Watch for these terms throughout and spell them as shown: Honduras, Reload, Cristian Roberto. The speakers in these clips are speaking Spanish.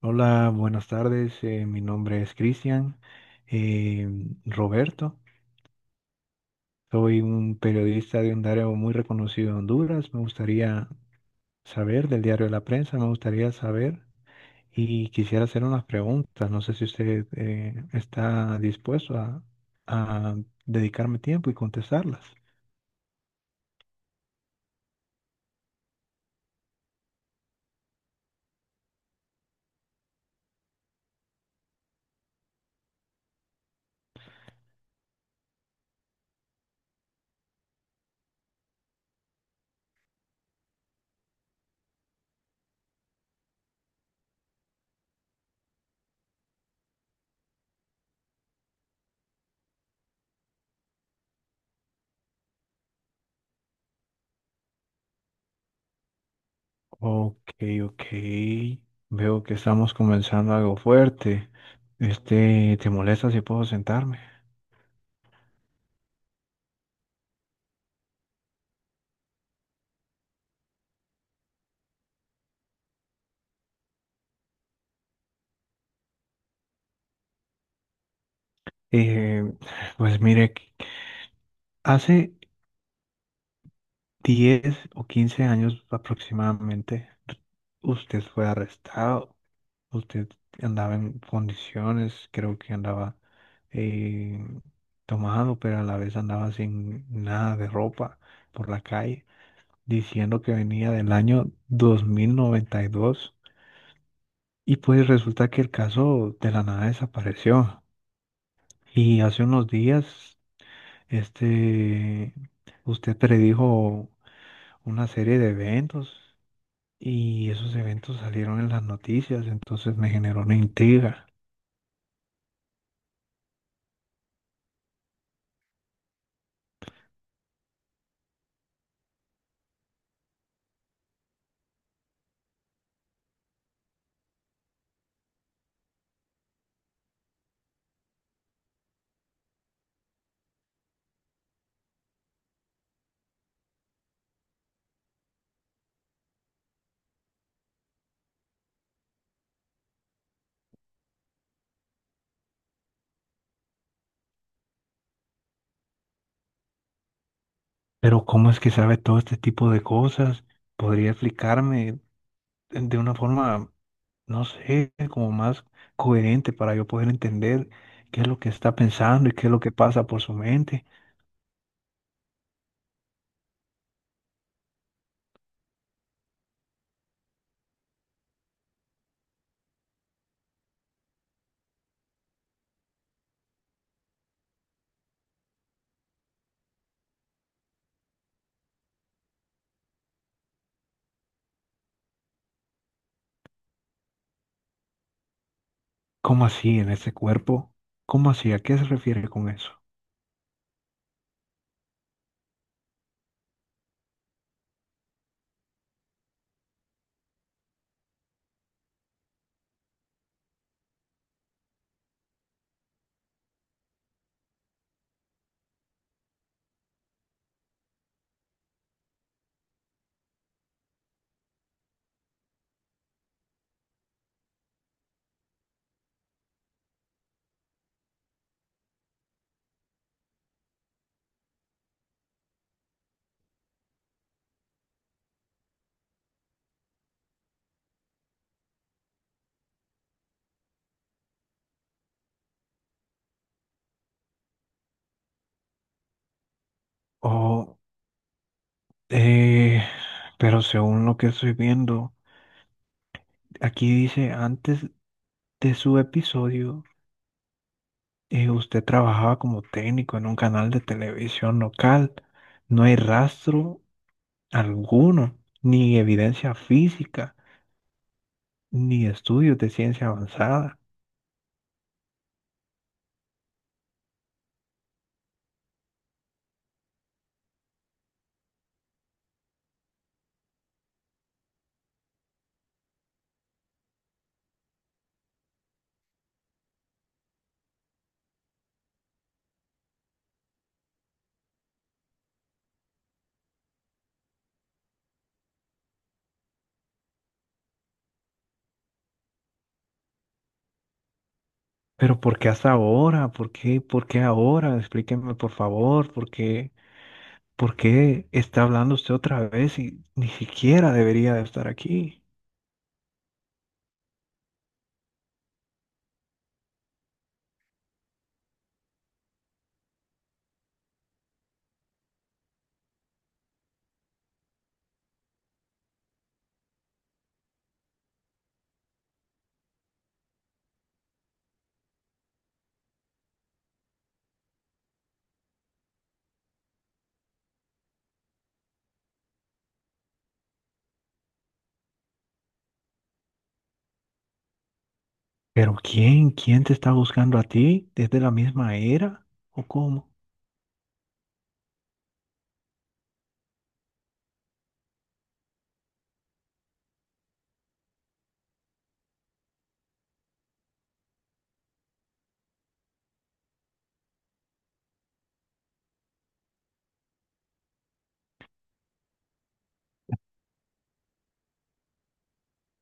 Hola, buenas tardes. Mi nombre es Cristian eh, Roberto. Soy un periodista de un diario muy reconocido en Honduras. Me gustaría saber del diario de la prensa, me gustaría saber y quisiera hacer unas preguntas. No sé si usted está dispuesto a dedicarme tiempo y contestarlas. Ok, ok. Veo que estamos comenzando algo fuerte. Este, ¿te molesta si puedo sentarme? Eh, pues mire. Hace 10 o 15 años aproximadamente, usted fue arrestado, usted andaba en condiciones, creo que andaba eh, tomado, pero a la vez andaba sin nada de ropa por la calle, diciendo que venía del año 2092. Y pues resulta que el caso de la nada desapareció. Y hace unos días, este, usted predijo una serie de eventos y esos eventos salieron en las noticias, entonces me generó una intriga. Pero ¿cómo es que sabe todo este tipo de cosas? ¿Podría explicarme de una forma, no sé, como más coherente para yo poder entender qué es lo que está pensando y qué es lo que pasa por su mente? ¿Cómo así en ese cuerpo? ¿Cómo así? ¿A qué se refiere con eso? Oh, eh, pero según lo que estoy viendo, aquí dice antes de su episodio. Usted trabajaba como técnico en un canal de televisión local. No hay rastro alguno, ni evidencia física, ni estudios de ciencia avanzada. Pero ¿por qué hasta ahora? Por qué ahora? Explíqueme, por favor, por qué está hablando usted otra vez y ni siquiera debería de estar aquí? ¿Pero quién? ¿Quién te está buscando a ti? ¿Desde la misma era? ¿O cómo?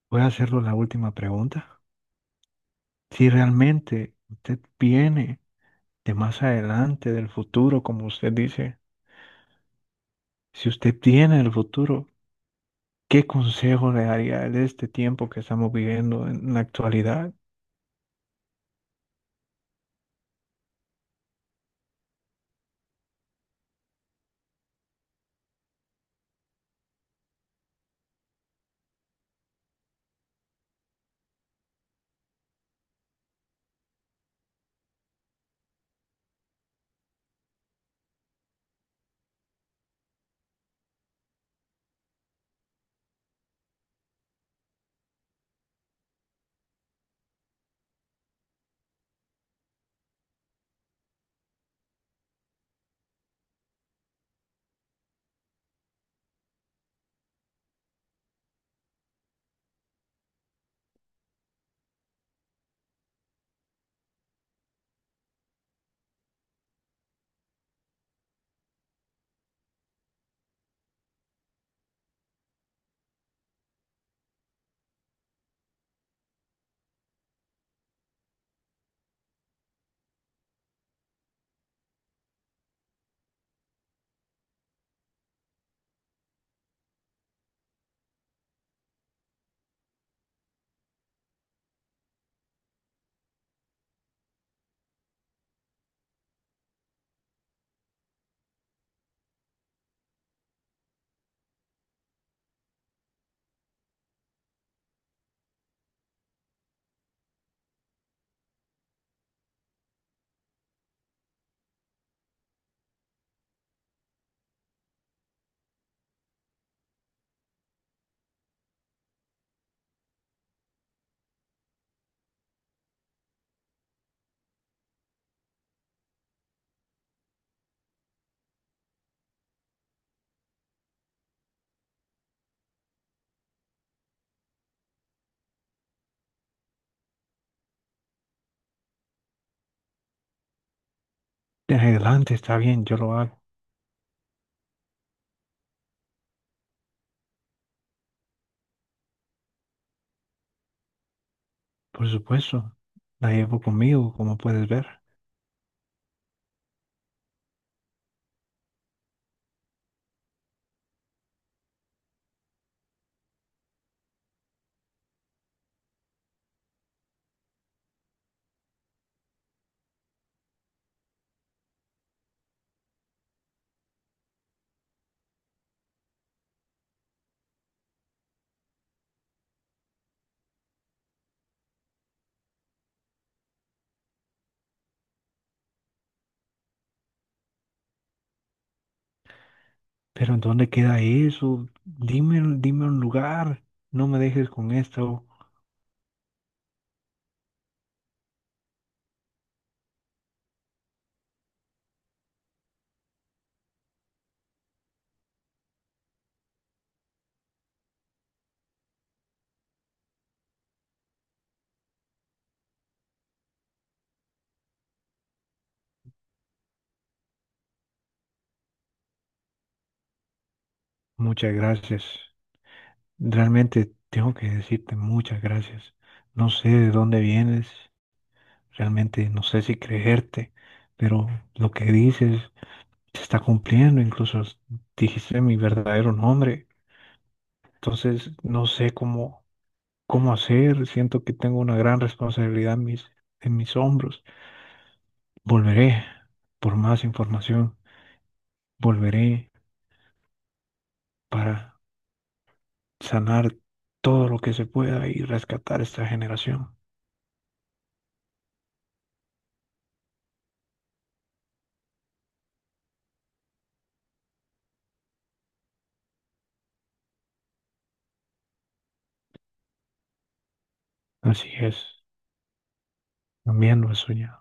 Voy a hacerlo la última pregunta. Si realmente usted viene de más adelante, del futuro, como usted dice, si usted tiene el futuro, ¿qué consejo le daría de este tiempo que estamos viviendo en la actualidad? De adelante está bien, yo lo hago, por supuesto, la llevo conmigo, como puedes ver, pero ¿en dónde queda eso? Dime, dime un lugar, no me dejes con esto. Muchas gracias, realmente tengo que decirte muchas gracias. No sé de dónde vienes. Realmente no sé si creerte, pero lo que dices se está cumpliendo, incluso s- dijiste mi verdadero nombre. Entonces no sé cómo, cómo hacer, siento que tengo una gran responsabilidad en mis hombros. Volveré por más información, volveré para sanar todo lo que se pueda y rescatar esta generación. Así es, también lo he soñado.